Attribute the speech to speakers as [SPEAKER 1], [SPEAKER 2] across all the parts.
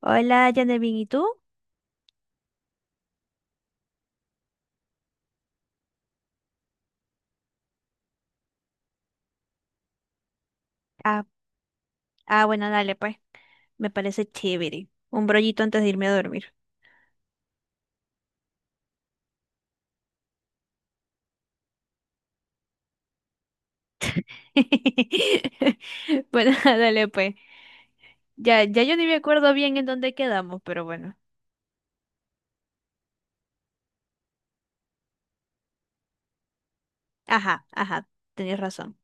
[SPEAKER 1] Hola, Janelvin, ¿y tú? Ah, bueno, dale, pues, me parece chévere. Un brollito antes de irme a dormir. Bueno, dale, pues. Ya yo ni me acuerdo bien en dónde quedamos, pero bueno. Ajá, tenías razón.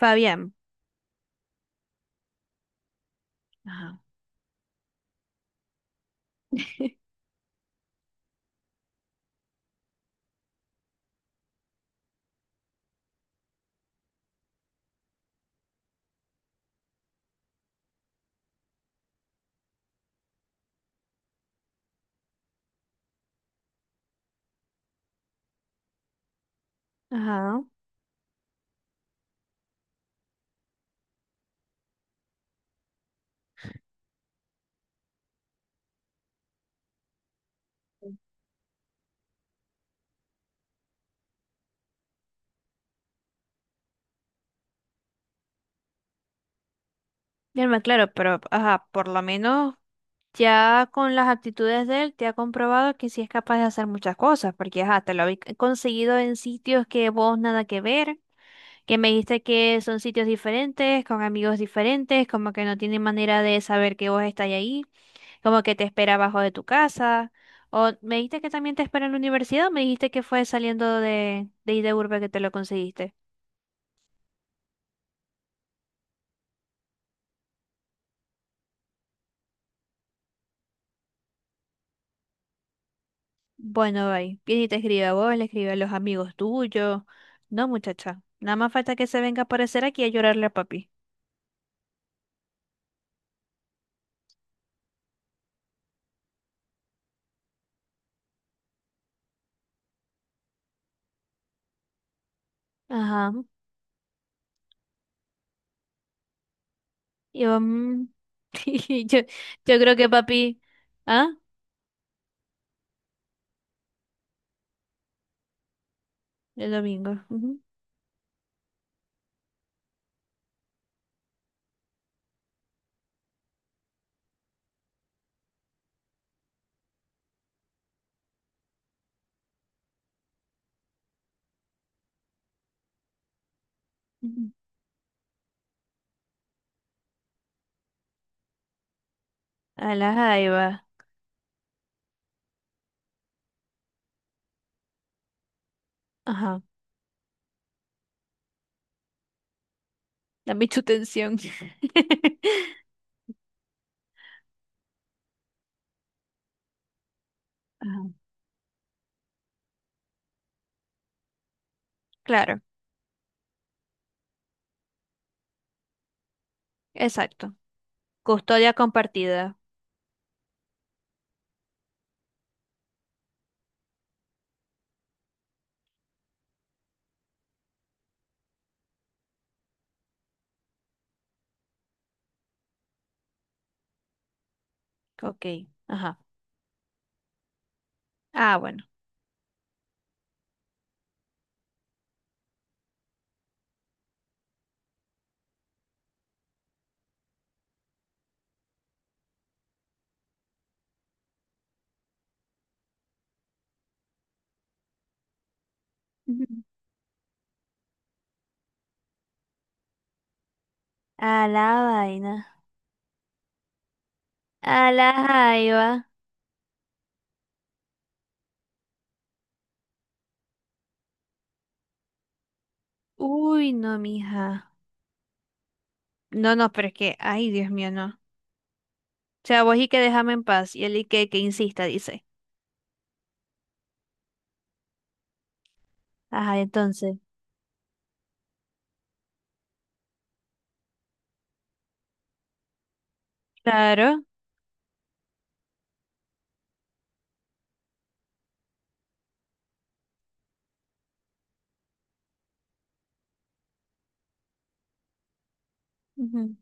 [SPEAKER 1] Fabián. Ajá. Ajá. Ya no me claro, pero ajá, por lo menos ya con las actitudes de él te ha comprobado que sí es capaz de hacer muchas cosas, porque ajá, te lo habéis conseguido en sitios que vos nada que ver. Que me dijiste que son sitios diferentes, con amigos diferentes, como que no tienen manera de saber que vos estás ahí, como que te espera abajo de tu casa, o me dijiste que también te espera en la universidad, o me dijiste que fue saliendo de ahí de Urbe que te lo conseguiste. Bueno, bye. Viene y te escribe a vos, le escribe a los amigos tuyos. No, muchacha, nada más falta que se venga a aparecer aquí a llorarle a papi. Ajá. Y yo, y yo creo que papi, ¿ah? El domingo, ujú, ujú. A la jaiba. Ajá. Dame tu tensión. Ajá. Claro, exacto. Custodia compartida. Ok, ajá. Ah, bueno. Ujú. A la vaina. A la jaiba. Uy, no, mija. No, no, pero es que, ay, Dios mío, no. O sea, vos y que déjame en paz. Y él y que insista, dice. Ajá, entonces. Claro, ujú,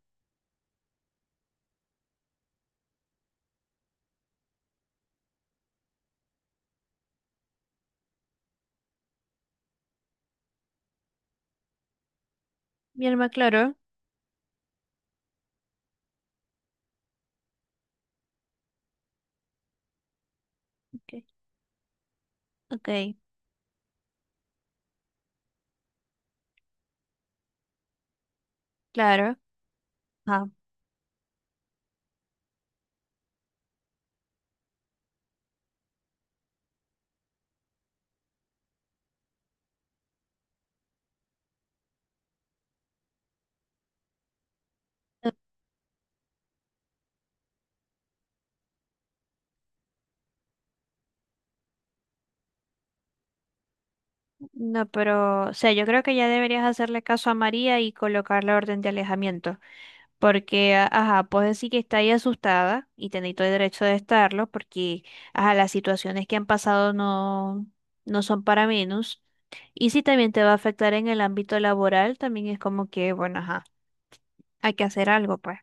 [SPEAKER 1] mi alma, claro. Ok. Ok, claro. Ajá. No, pero, o sea, yo creo que ya deberías hacerle caso a María y colocar la orden de alejamiento, porque, ajá, puedes decir que está ahí asustada y tenéis todo el derecho de estarlo, porque, ajá, las situaciones que han pasado no, no son para menos. Y si también te va a afectar en el ámbito laboral, también es como que, bueno, ajá, hay que hacer algo, pues.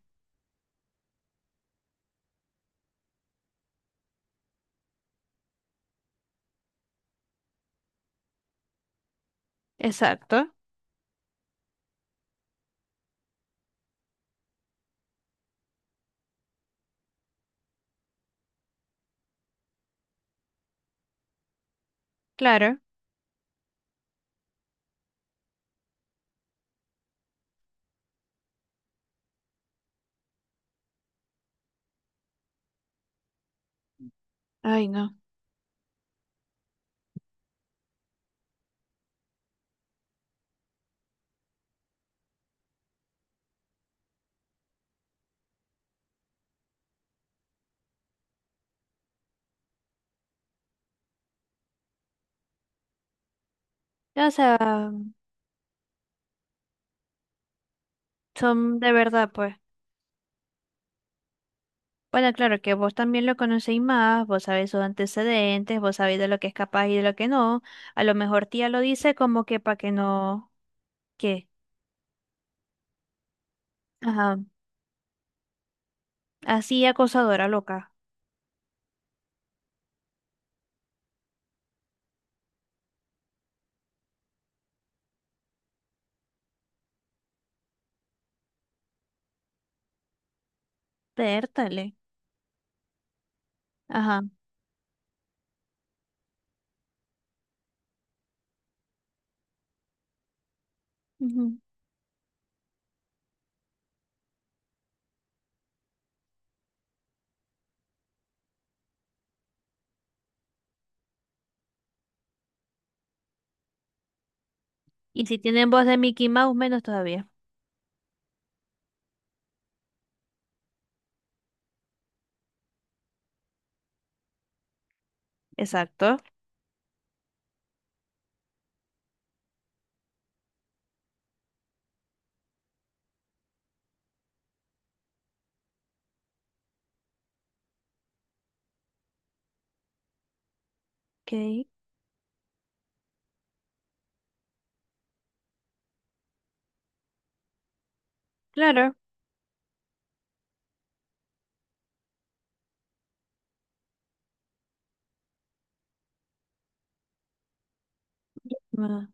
[SPEAKER 1] Exacto, claro. Ay, no. O sea, son de verdad, pues. Bueno, claro que vos también lo conocéis más, vos sabés sus antecedentes, vos sabéis de lo que es capaz y de lo que no. A lo mejor tía lo dice como que para que no, ¿qué? Ajá, así acosadora loca. Pértale. Ajá. Ujú. Y si tienen voz de Mickey Mouse, menos todavía. Exacto. Ok, claro. Ah.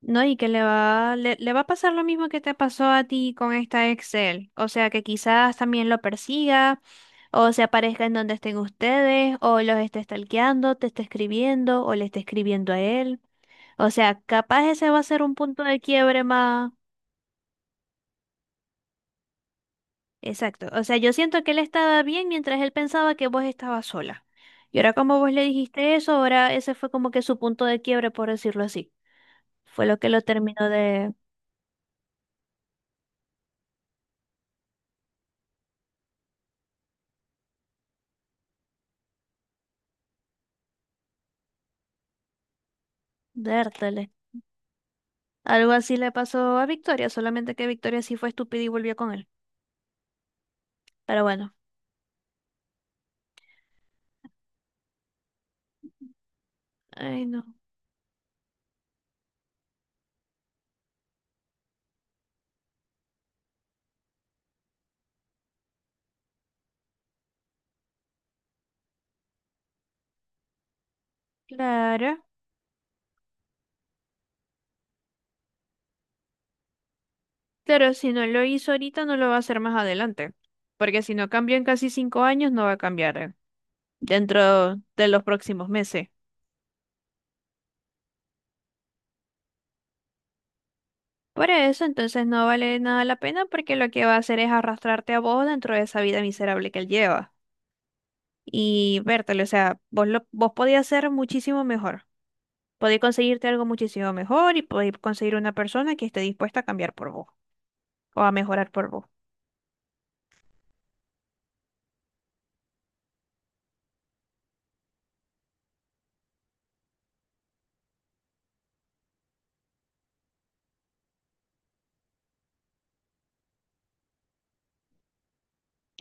[SPEAKER 1] No, y que le va, le va a pasar lo mismo que te pasó a ti con esta Excel. O sea, que quizás también lo persiga, o se aparezca en donde estén ustedes, o los esté stalkeando, te esté escribiendo, o le esté escribiendo a él. O sea, capaz ese va a ser un punto de quiebre más. Exacto. O sea, yo siento que él estaba bien mientras él pensaba que vos estabas sola. Y ahora como vos le dijiste eso, ahora ese fue como que su punto de quiebre, por decirlo así. Fue lo que lo terminó de hartar. Algo así le pasó a Victoria, solamente que Victoria sí fue estúpida y volvió con él. Pero bueno, ay no. Claro, claro, si no lo hizo ahorita, no lo va a hacer más adelante. Porque si no cambió en casi 5 años, no va a cambiar dentro de los próximos meses. Por eso, entonces no vale nada la pena porque lo que va a hacer es arrastrarte a vos dentro de esa vida miserable que él lleva. Y vértelo, o sea, vos, lo, vos podías ser muchísimo mejor. Podéis conseguirte algo muchísimo mejor y podéis conseguir una persona que esté dispuesta a cambiar por vos, o a mejorar por vos.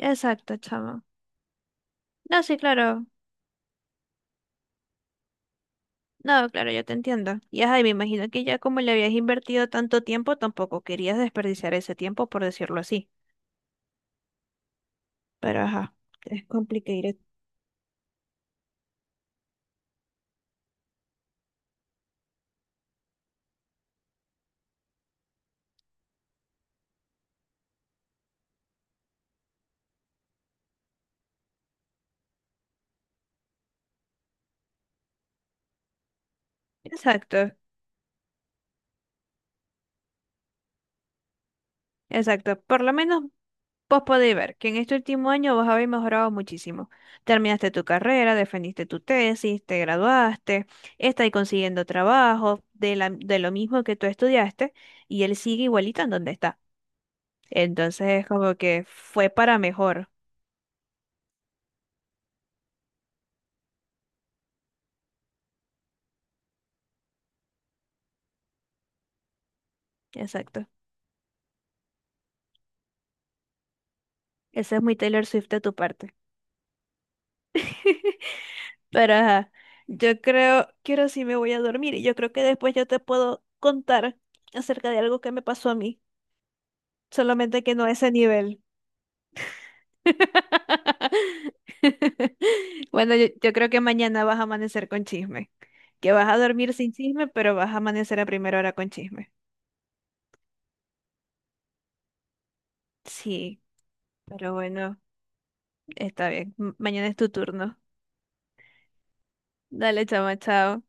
[SPEAKER 1] Exacto, chamo. No, sí, claro. No, claro, yo te entiendo. Y ajá, y me imagino que ya como le habías invertido tanto tiempo, tampoco querías desperdiciar ese tiempo, por decirlo así. Pero ajá, es complicado. Exacto, exacto. Por lo menos vos podéis ver que en este último año vos habéis mejorado muchísimo. Terminaste tu carrera, defendiste tu tesis, te graduaste, estáis consiguiendo trabajo de de lo mismo que tú estudiaste y él sigue igualito en donde está. Entonces es como que fue para mejor. Exacto. Ese es muy Taylor Swift de tu parte. Pero ajá, yo creo que ahora sí me voy a dormir y yo creo que después yo te puedo contar acerca de algo que me pasó a mí, solamente que no a ese nivel. Bueno, yo creo que mañana vas a amanecer con chisme, que vas a dormir sin chisme, pero vas a amanecer a primera hora con chisme. Sí, pero bueno, está bien. Mañana es tu turno. Dale, chama, chao.